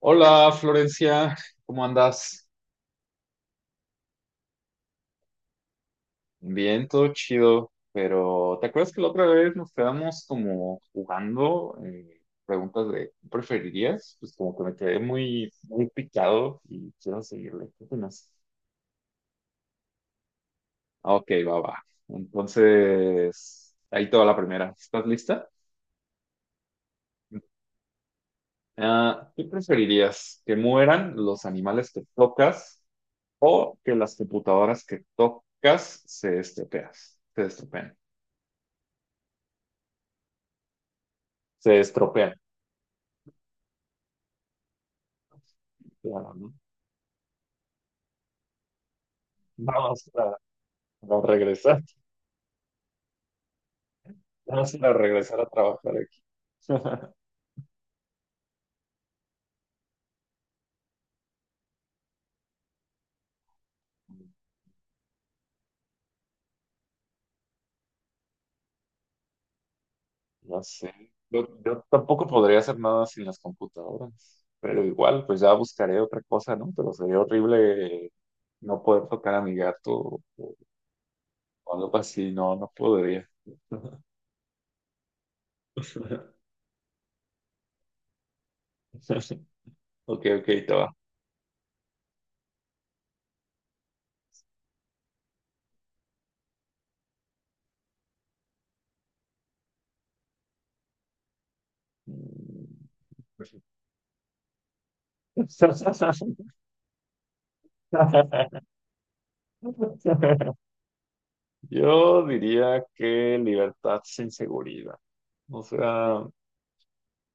Hola Florencia, ¿cómo andas? Bien, todo chido, pero ¿te acuerdas que la otra vez nos quedamos como jugando preguntas de ¿qué preferirías? Pues como que me quedé muy, muy picado y quiero seguirle. ¿Qué opinas? Ah, ok, va, va. Entonces, ahí toda la primera. ¿Estás lista? Ah, ¿qué preferirías? ¿Que mueran los animales que tocas o que las computadoras que tocas se estropeas, se estropeen? Se estropean. Claro, ¿no? Vamos a, a regresar, vamos a regresar a trabajar aquí. No sé, yo tampoco podría hacer nada sin las computadoras, pero igual, pues ya buscaré otra cosa, ¿no? Pero sería horrible no poder tocar a mi gato o o algo así, no, no podría. Ok, ok, te va. Mm. Yo diría que libertad sin seguridad. O sea,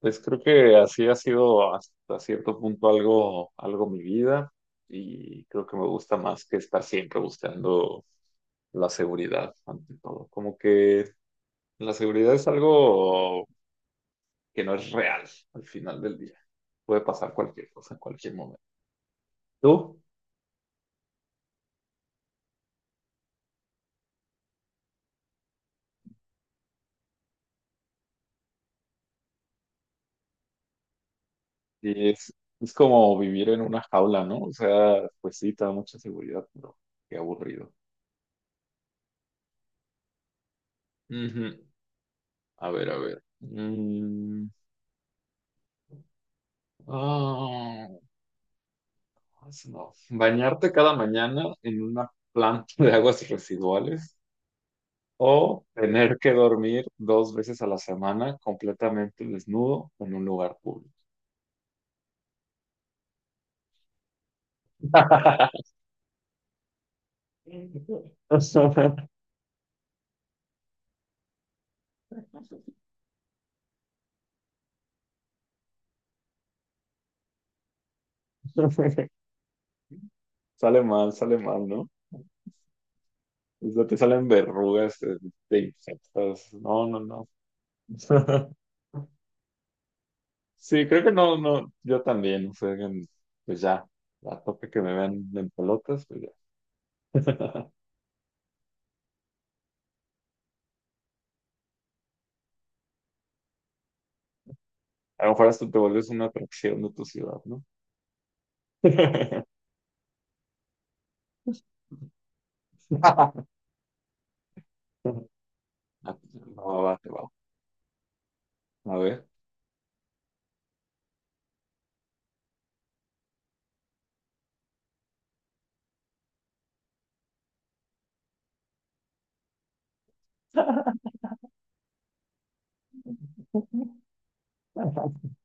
pues creo que así ha sido hasta cierto punto algo mi vida y creo que me gusta más que estar siempre buscando la seguridad ante todo. Como que la seguridad es algo que no es real al final del día. Puede pasar cualquier cosa en cualquier momento. ¿Tú? Y es, es como vivir en una jaula, ¿no? O sea, pues sí, te da mucha seguridad, pero qué aburrido. Ujú. A ver, a ver. Ah, no. Bañarte cada mañana en una planta de aguas residuales o tener que dormir 2 veces a la semana completamente desnudo en un lugar público. Sale mal, ¿no? O sea, te salen verrugas, te infectas. No, no, no. Sí, creo que no, no, yo también, o sea, que, pues ya, a tope que me vean en pelotas, pues ya. A lo mejor hasta te vuelves una atracción de tu ciudad, ¿no? Ah, no, va, te va. A ver.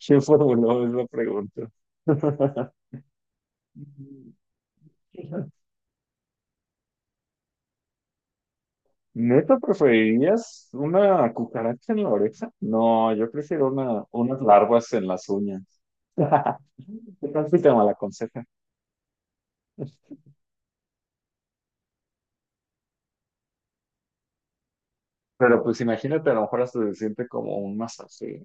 ¿Quién formuló esa pregunta? ¿Neta preferirías una cucaracha en la oreja? No, yo prefiero unas larvas en las uñas. ¿Qué tal si te malaconseja? Pero pues imagínate, a lo mejor hasta se siente como un masaje,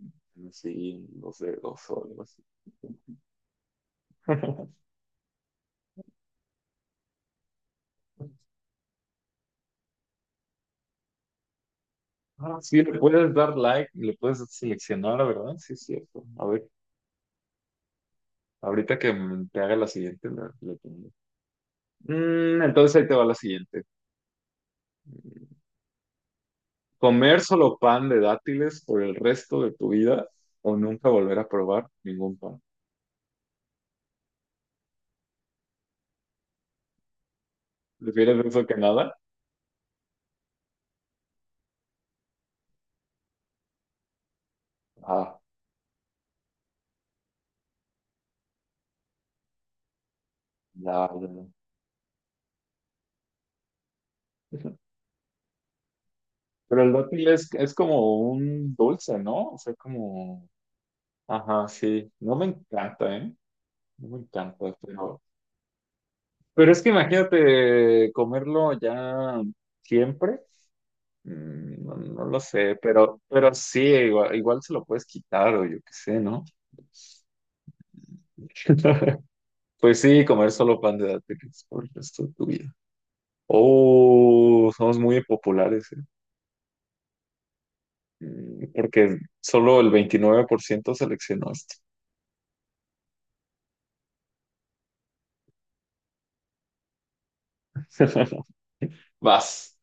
así, en los dedos o algo así. Ah, sí, le puedes dar like, le puedes seleccionar, la verdad, sí es cierto. A ver, ahorita que te haga la siguiente, le pongo. Entonces ahí te va la siguiente. ¿Comer solo pan de dátiles por el resto de tu vida o nunca volver a probar ningún pan? ¿Prefieres eso que nada? Ah, ya, ya. Pero el dátil es como un dulce, ¿no? O sea, como... Ajá, sí. No me encanta, ¿eh? No me encanta, pero... Pero es que imagínate comerlo ya siempre. No, no lo sé, pero sí, igual, igual se lo puedes quitar o yo qué sé, ¿no? Pues sí, comer solo pan de dátiles por el resto de tu vida. Oh, somos muy populares, ¿eh? Porque solo el 29% seleccionó esto. Vas.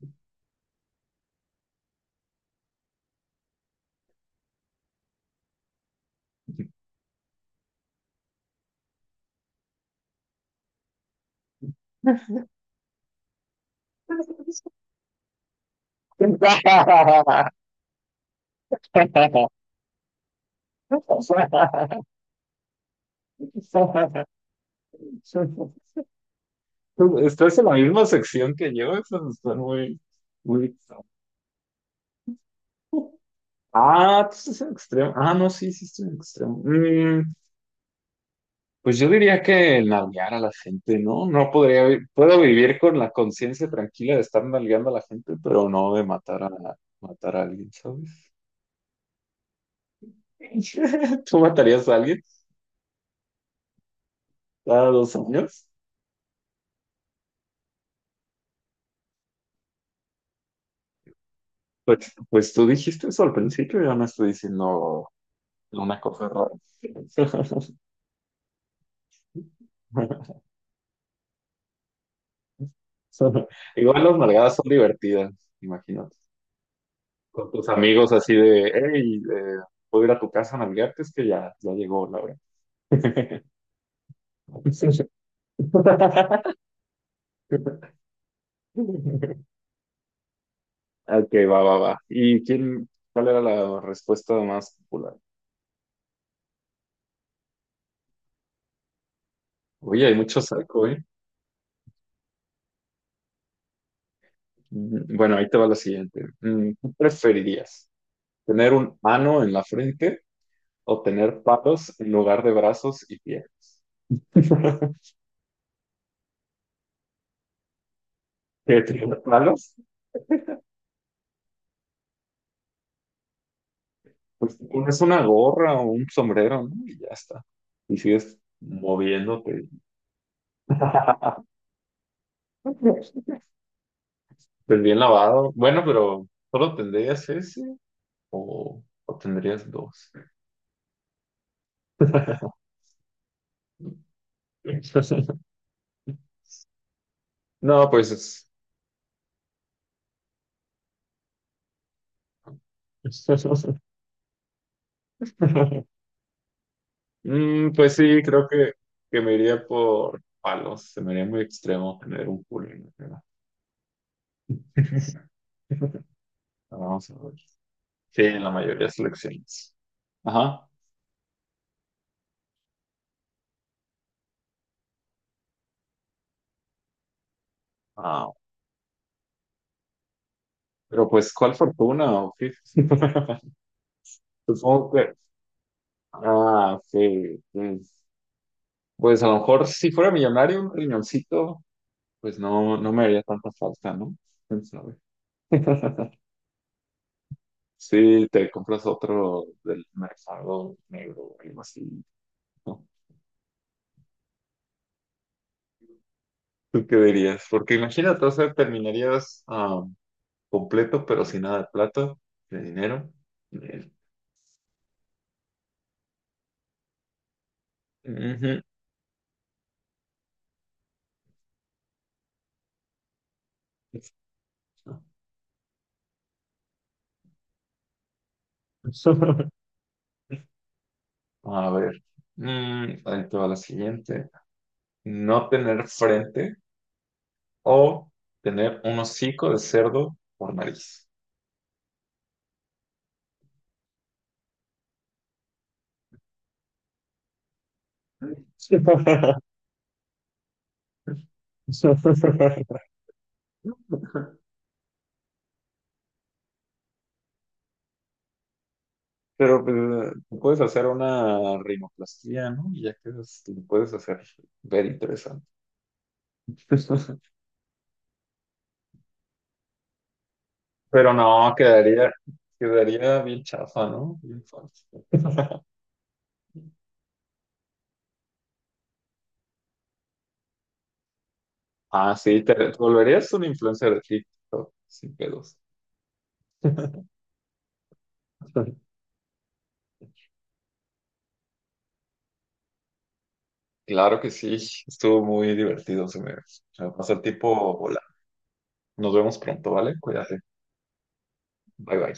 Estás en la misma sección que yo, esas están muy, muy... Ah, tú estás en extremo. Ah, no, sí, sí estoy en extremo. Pues yo diría que nalguear a la gente, ¿no? No podría, vi- puedo vivir con la conciencia tranquila de estar nalgueando a la gente, pero no de matar a, alguien, ¿sabes? ¿Tú matarías a alguien cada 2 años? Pues, tú dijiste eso al principio, yo no estoy diciendo una cosa rara. Igual las nalgadas son divertidas, imagínate. Con tus amigos así de, hey, puedo ir a tu casa a nalgarte, es que ya, ya llegó la hora. Ok, va, va, va. ¿Y quién, cuál era la respuesta más popular? Oye, hay mucho saco, ¿eh? Bueno, ahí te va la siguiente. ¿Qué preferirías? ¿Tener un ano en la frente o tener palos en lugar de brazos y piernas? ¿Qué tener palos? Pues te pones una gorra o un sombrero, ¿no? Y ya está. Y sigues moviéndote. Pues bien lavado. Bueno, pero ¿solo tendrías ese o tendrías dos? No, pues es- Pues sí, creo que me iría por palos. Se me haría muy extremo tener un pool en la cara. Vamos a ver. Sí, en la mayoría de selecciones. Ajá. Ah, pero pues, ¿cuál fortuna? Sí. Supongo que... Ah, sí. Sí. Pues a lo mejor si fuera millonario, un riñoncito, pues no, no me haría tanta falta, ¿no? ¿Quién sabe? Sí, te compras otro del mercado negro o algo así, ¿no? ¿Tú qué dirías? Porque imagínate, o sea, terminarías ah, completo, pero sin nada de plata, de dinero. De- Ujú. A ver, ahí te va la siguiente. No tener frente o tener un hocico de cerdo por nariz. Pero pues, tú puedes hacer una rinoplastia, ¿no? Y ya quedas, lo puedes hacer ver interesante. Pero no, quedaría bien chafa, ¿no? Bien falso. Ah, sí, te volverías un influencer de TikTok, sin pedos. Claro que sí, estuvo muy divertido, se me pasó el tiempo volando. Nos vemos pronto, ¿vale? Cuídate. Bye bye.